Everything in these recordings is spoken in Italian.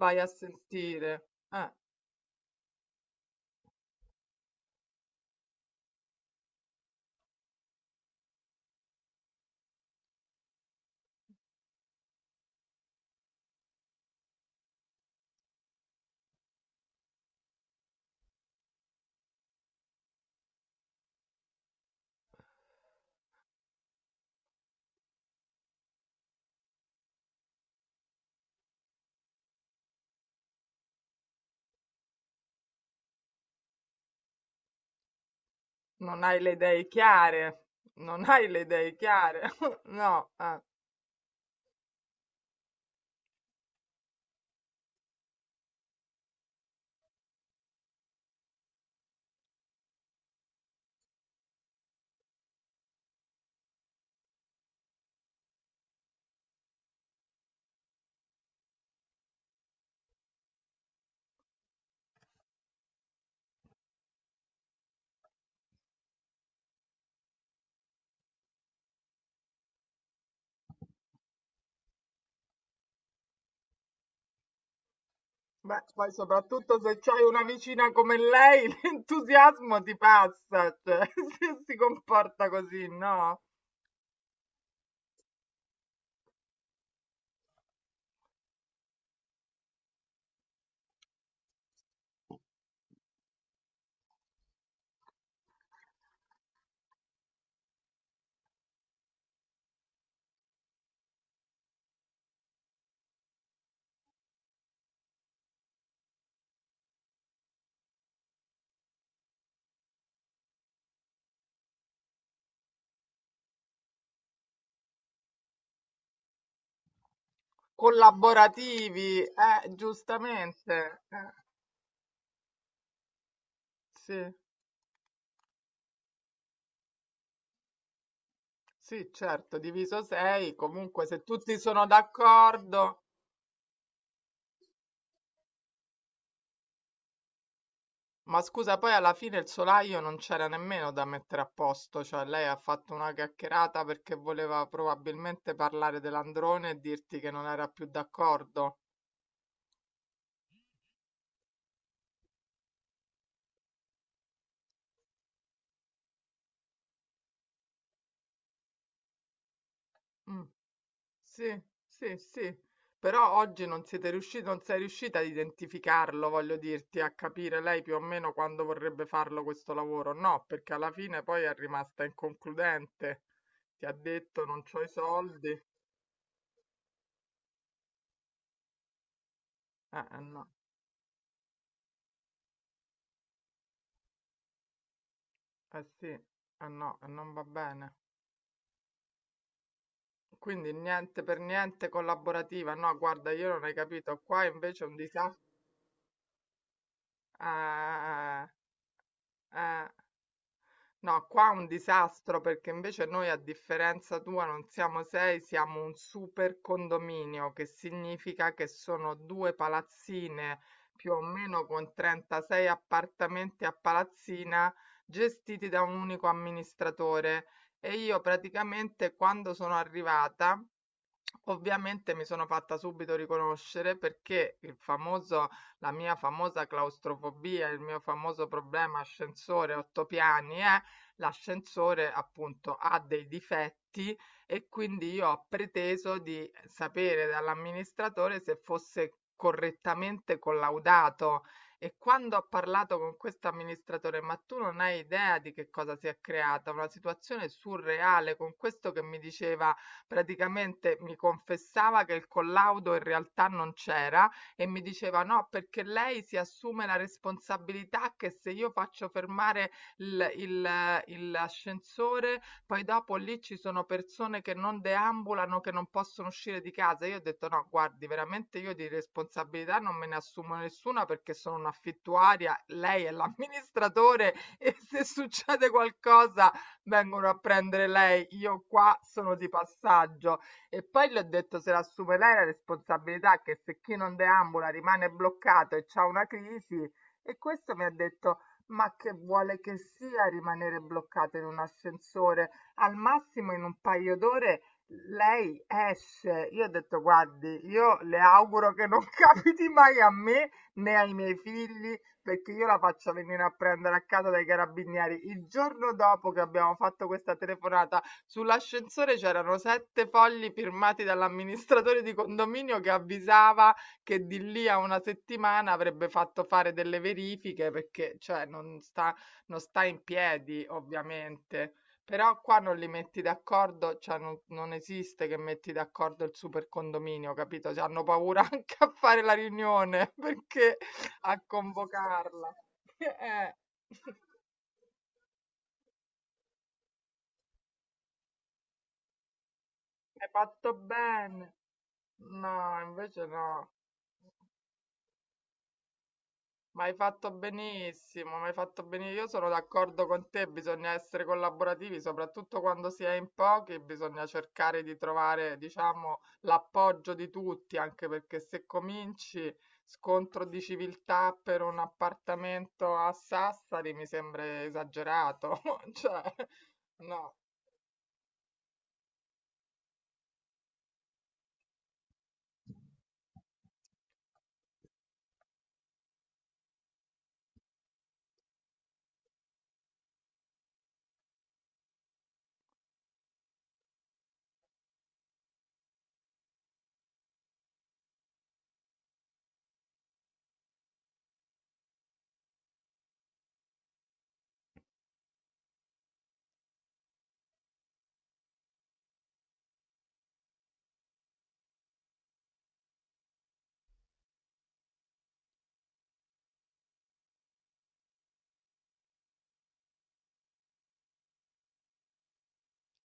Vai a sentire. Eh, Non hai le idee chiare. Non hai le idee chiare. No, eh. Beh, poi soprattutto se c'hai una vicina come lei, l'entusiasmo ti passa, cioè, se si comporta così, no? Collaborativi, giustamente. Sì, sì, certo, diviso 6, comunque se tutti sono d'accordo. Ma scusa, poi alla fine il solaio non c'era nemmeno da mettere a posto, cioè lei ha fatto una chiacchierata perché voleva probabilmente parlare dell'androne e dirti che non era più d'accordo. Mm, sì, sì, sì. Però oggi non siete riusciti, non sei riuscita ad identificarlo, voglio dirti, a capire lei più o meno quando vorrebbe farlo questo lavoro. No, perché alla fine poi è rimasta inconcludente. Ti ha detto non c'ho i soldi. Eh no, eh sì, eh no, e non va bene. Quindi niente per niente collaborativa. No, guarda, io non hai capito. Qua invece è un disastro. No, qua è un disastro perché invece noi, a differenza tua, non siamo 6, siamo un super condominio, che significa che sono due palazzine più o meno con 36 appartamenti a palazzina gestiti da un unico amministratore. E io praticamente quando sono arrivata. Ovviamente mi sono fatta subito riconoscere perché il famoso la mia famosa claustrofobia, il mio famoso problema ascensore 8 piani è l'ascensore appunto ha dei difetti e quindi io ho preteso di sapere dall'amministratore se fosse correttamente collaudato e quando ho parlato con questo amministratore, ma tu non hai idea di che cosa si è creata, una situazione surreale con questo che mi diceva praticamente mi confessava che il collaudo in realtà non c'era e mi diceva no, perché lei si assume la responsabilità che se io faccio fermare l'ascensore, poi dopo lì ci sono persone che non deambulano, che non possono uscire di casa. Io ho detto no, guardi, veramente io di responsabilità non me ne assumo nessuna perché sono un'affittuaria, lei è l'amministratore e se succede qualcosa vengono a prendere lei, io qua sono di passaggio. E poi le ho detto se la assume lei la responsabilità, che se chi non deambula rimane bloccato e c'ha una crisi, e questo mi ha detto, ma che vuole che sia rimanere bloccato in un ascensore? Al massimo in un paio d'ore lei esce. Io ho detto, guardi, io le auguro che non capiti mai a me né ai miei figli perché io la faccio venire a prendere a casa dai carabinieri. Il giorno dopo che abbiamo fatto questa telefonata, sull'ascensore c'erano 7 fogli firmati dall'amministratore di condominio che avvisava che di lì a una settimana avrebbe fatto fare delle verifiche perché, cioè, non sta in piedi, ovviamente. Però qua non li metti d'accordo, cioè non, non esiste che metti d'accordo il super condominio, capito? Cioè, hanno paura anche a fare la riunione perché a convocarla. Eh, Hai fatto bene. No, invece no. Ma hai fatto benissimo, ma hai fatto benissimo. Io sono d'accordo con te, bisogna essere collaborativi, soprattutto quando si è in pochi, bisogna cercare di trovare, diciamo, l'appoggio di tutti, anche perché se cominci scontro di civiltà per un appartamento a Sassari mi sembra esagerato. Cioè, no,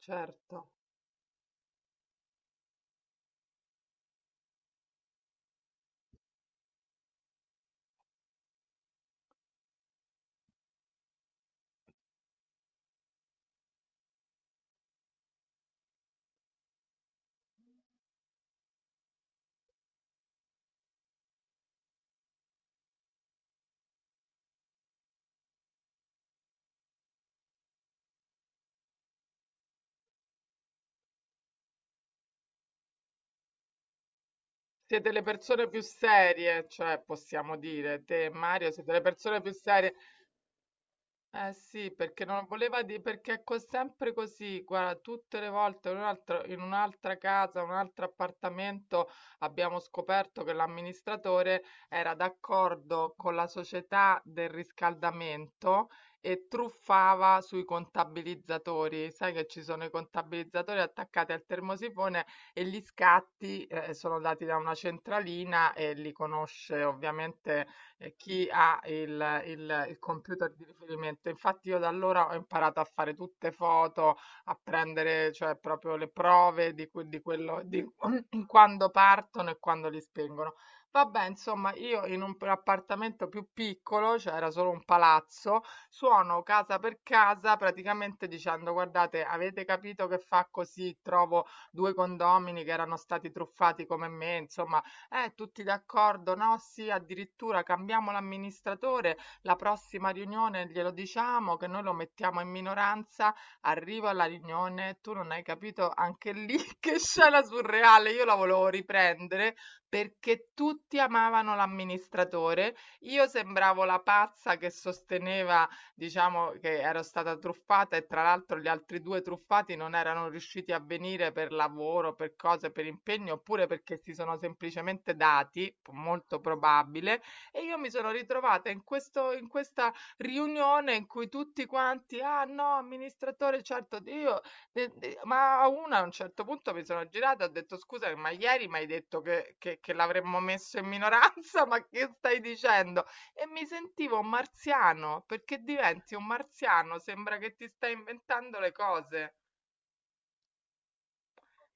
certo. Siete le persone più serie, cioè possiamo dire, te e Mario siete le persone più serie. Eh sì, perché non voleva di perché è sempre così, guarda, tutte le volte in un'altra casa, un altro appartamento abbiamo scoperto che l'amministratore era d'accordo con la società del riscaldamento e truffava sui contabilizzatori. Sai che ci sono i contabilizzatori attaccati al termosifone e gli scatti, sono dati da una centralina e li conosce ovviamente, chi ha il computer di riferimento. Infatti io da allora ho imparato a fare tutte foto, a prendere cioè proprio le prove di quello di quando partono e quando li spengono. Vabbè, insomma, io in un appartamento più piccolo, cioè era solo un palazzo, suono casa per casa praticamente dicendo: guardate, avete capito che fa così? Trovo due condomini che erano stati truffati come me, insomma, tutti d'accordo, no? Sì, addirittura cambiamo l'amministratore, la prossima riunione glielo diciamo che noi lo mettiamo in minoranza, arrivo alla riunione, tu non hai capito anche lì che scena surreale, io la volevo riprendere perché tutti amavano l'amministratore, io sembravo la pazza che sosteneva diciamo che ero stata truffata e tra l'altro gli altri due truffati non erano riusciti a venire per lavoro, per cose, per impegno, oppure perché si sono semplicemente dati, molto probabile, e io mi sono ritrovata in questo, in questa riunione in cui tutti quanti, ah no, amministratore, certo, io, ma a un certo punto mi sono girata e ho detto scusa, ma ieri mi hai detto che l'avremmo messo in minoranza, ma che stai dicendo? E mi sentivo un marziano, perché diventi un marziano, sembra che ti stai inventando le cose,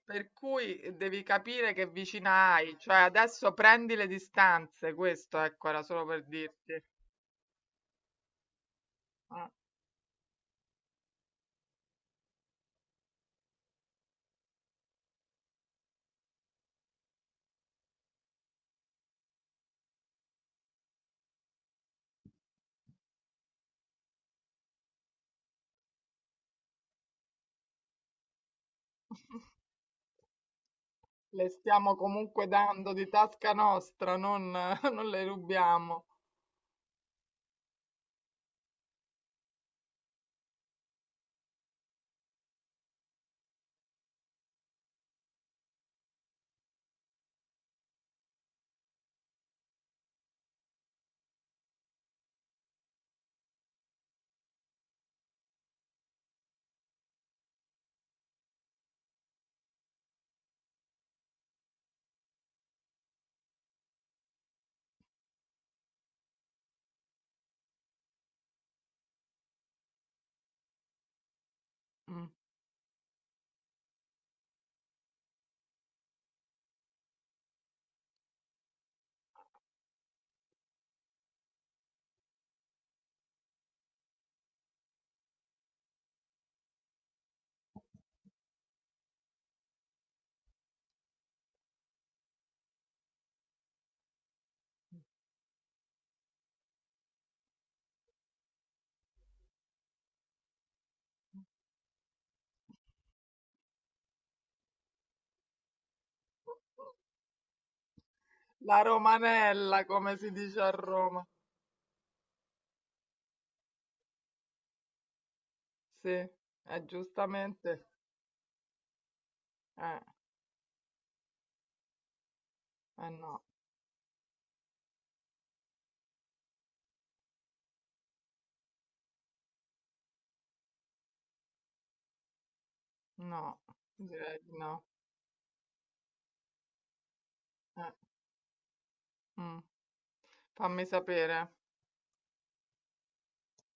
per cui, devi capire che vicina hai, cioè adesso prendi le distanze, questo ecco era solo per dirti. Eh. Le stiamo comunque dando di tasca nostra, non, non le rubiamo. Mm. La romanella, come si dice a Roma. Sì, è giustamente. Eh, eh no, no, direi di no. Eh. Mh. Fammi sapere.